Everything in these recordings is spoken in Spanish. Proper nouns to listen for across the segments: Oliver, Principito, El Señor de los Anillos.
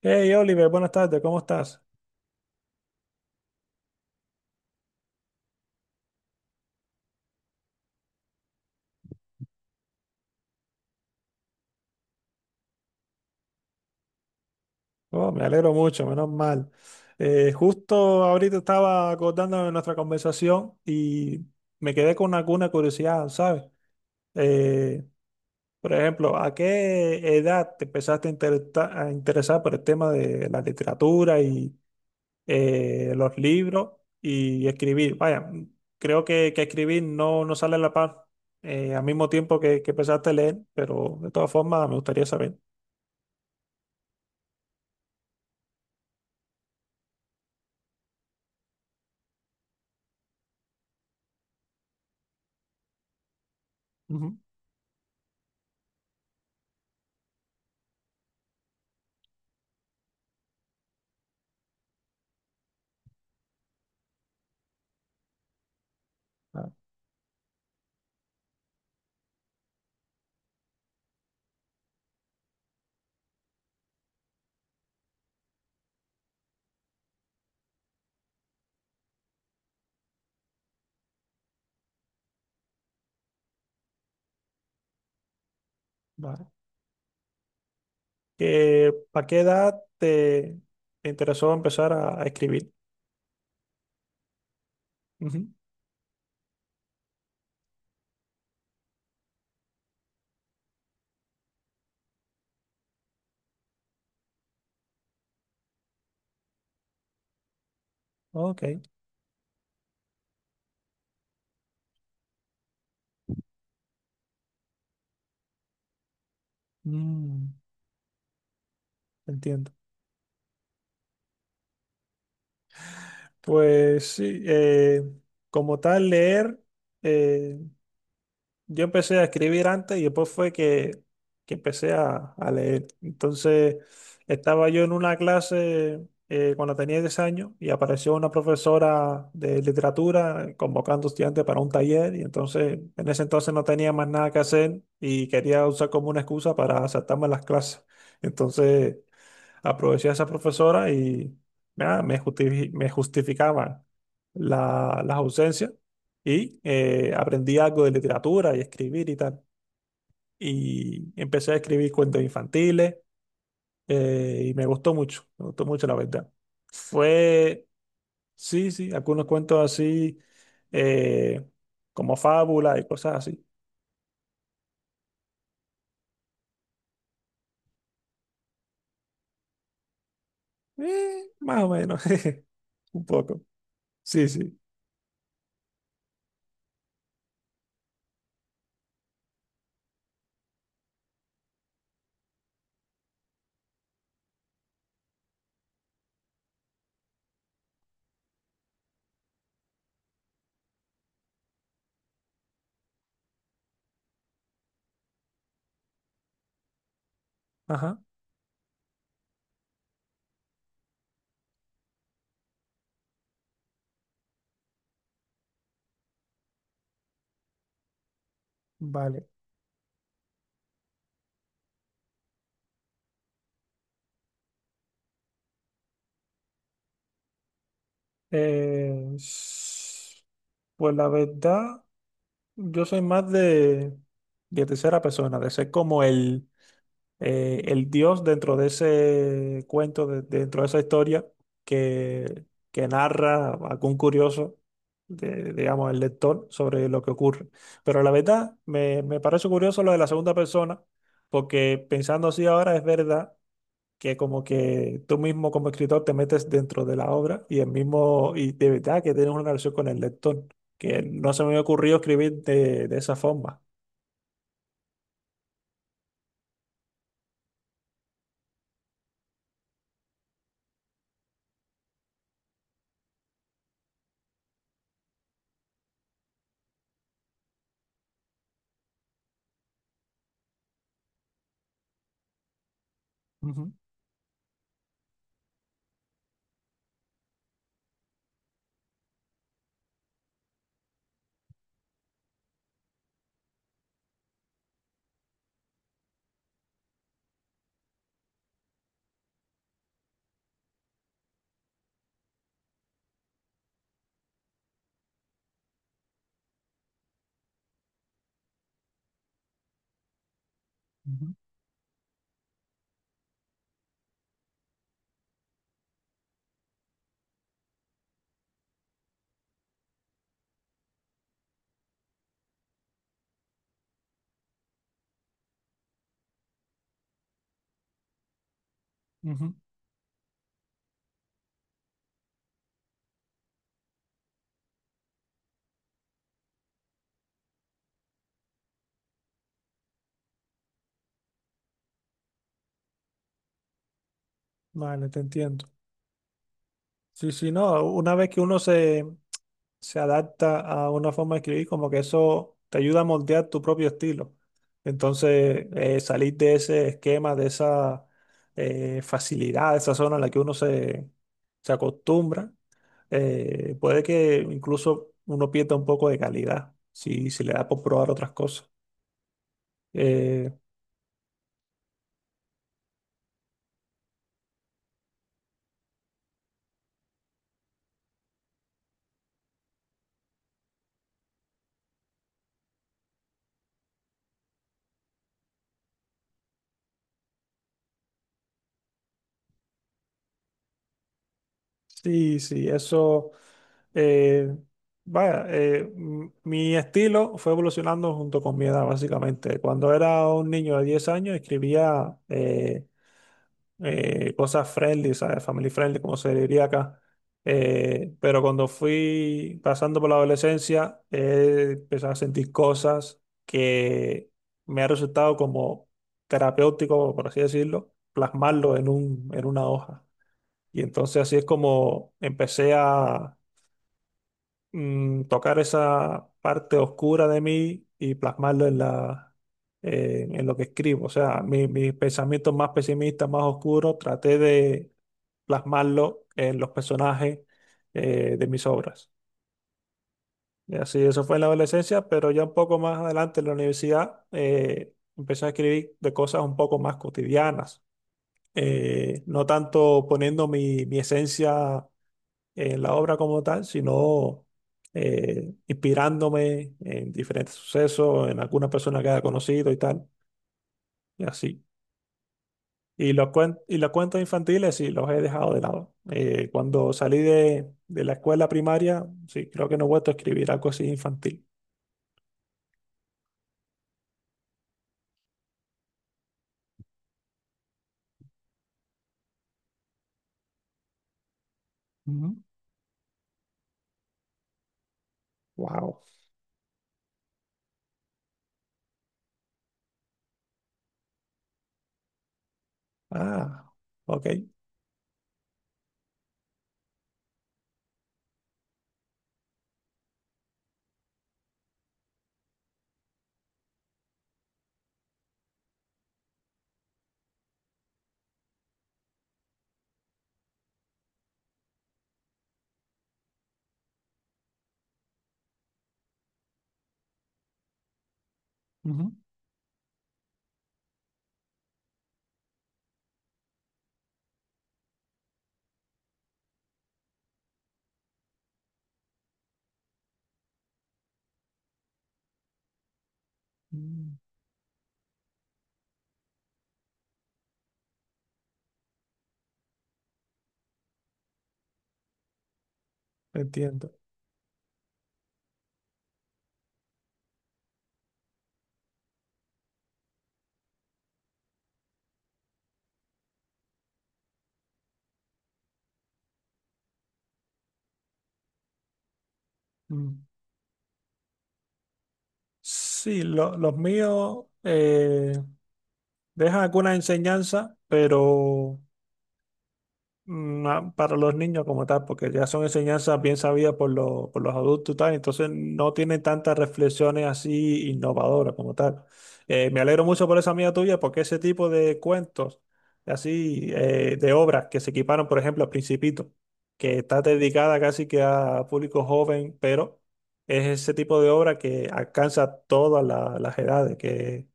Hey Oliver, buenas tardes, ¿cómo estás? Oh, me alegro mucho, menos mal. Justo ahorita estaba acordando de nuestra conversación y me quedé con alguna curiosidad, ¿sabes? Eh, por ejemplo, ¿a qué edad te empezaste a interesar por el tema de la literatura y los libros y escribir? Vaya, creo que escribir no sale a la par al mismo tiempo que empezaste a leer, pero de todas formas me gustaría saber. Ujú. Ah, vale. ¿Para qué edad te interesó empezar a escribir? Ujú. Ok. Mm, entiendo. Pues sí, como tal, leer, eh, yo empecé a escribir antes y después fue que empecé a leer. Entonces, estaba yo en una clase cuando tenía 10 años y apareció una profesora de literatura convocando estudiantes para un taller y entonces en ese entonces no tenía más nada que hacer y quería usar como una excusa para saltarme las clases. Entonces, aproveché a esa profesora y nada, me justificaban las ausencias y aprendí algo de literatura y escribir y tal. Y empecé a escribir cuentos infantiles y me gustó mucho la verdad. Fue, sí, sí, algunos cuentos así eh, como fábula y cosas así. Más o menos, un poco. Sí, sí. Ajá, vale. Eh, s- pues la verdad, yo soy más de tercera persona, de ser como el dios dentro de ese cuento, dentro de esa historia que, que narra algún curioso, digamos, el lector sobre lo que ocurre. Pero la verdad, me parece curioso lo de la segunda persona, porque pensando así ahora es verdad que como que tú mismo como escritor te metes dentro de la obra y el mismo, y de verdad que tienes una relación con el lector, que no se me había ocurrido escribir de esa forma. Ujú, ujú, ujú. Vale, te entiendo. Sí, sí, no, una vez que uno se adapta a una forma de escribir, como que eso te ayuda a moldear tu propio estilo. Entonces, salir de ese esquema, de esa facilidad, de esa zona en la que uno se acostumbra puede que incluso uno pierda un poco de calidad si le da por probar otras cosas. Eh, sí, sí, eso. eh, Vaya, mi estilo fue evolucionando junto con mi edad, básicamente. Cuando era un niño de 10 años, escribía cosas friendly, ¿sabes? Family friendly, como se diría acá. Pero cuando fui pasando por la adolescencia, he empezado a sentir cosas que me ha resultado como terapéutico, por así decirlo, plasmarlo en una hoja. Y entonces así es como empecé a tocar esa parte oscura de mí y plasmarlo en lo que escribo. O sea, mis pensamientos más pesimistas, más oscuros, traté de plasmarlo en los personajes de mis obras. Y así, eso fue en la adolescencia, pero ya un poco más adelante en la universidad empecé a escribir de cosas un poco más cotidianas, no tanto poniendo mi esencia en la obra como tal, sino inspirándome en diferentes sucesos, en alguna persona que haya conocido y tal, y así. Y los cuentos infantiles sí, los he dejado de lado. Cuando salí de la escuela primaria, sí, creo que no he vuelto a escribir algo así infantil. Ujú. Wow. Ah, ok. Ujú. Mm, entiendo. Mm. Sí, los míos dejan alguna enseñanza, pero no, para los niños como tal, porque ya son enseñanzas bien sabidas por los adultos y tal, entonces no tienen tantas reflexiones así innovadoras como tal. Me alegro mucho por esa amiga tuya, porque ese tipo de cuentos, así, de obras que se equiparon, por ejemplo, al Principito, que está dedicada casi que a público joven, pero es ese tipo de obra que alcanza todas las edades, que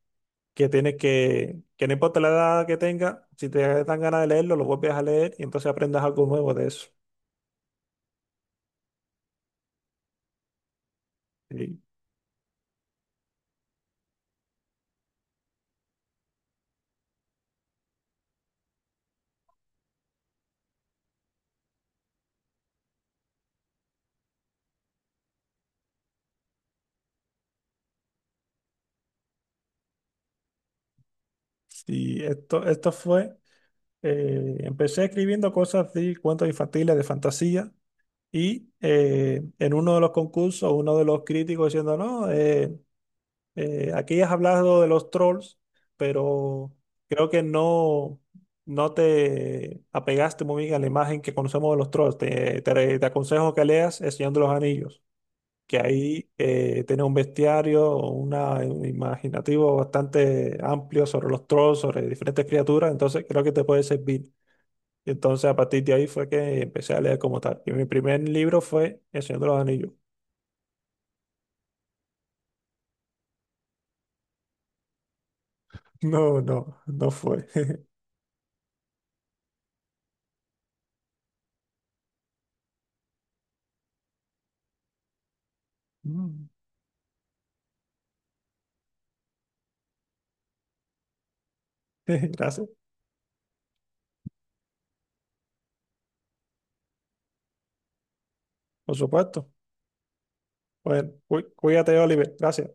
que tienes que no importa la edad que tenga, si te dan ganas de leerlo, lo vuelves a leer y entonces aprendas algo nuevo de eso. Y, y esto, esto fue, Empecé escribiendo cosas de cuentos infantiles, de fantasía, y en uno de los concursos, uno de los críticos diciendo, no, aquí has hablado de los trolls, pero creo que no... no te apegaste muy bien a la imagen que conocemos de los trolls. Te aconsejo que leas El Señor de los Anillos, que ahí tiene un bestiario, un imaginativo bastante amplio sobre los trolls, sobre diferentes criaturas, entonces creo que te puede servir. Y entonces a partir de ahí fue que empecé a leer como tal. Y mi primer libro fue El Señor de los Anillos. No, no, no fue. Mm. Gracias, por supuesto. Bueno, cuídate, Oliver. Gracias.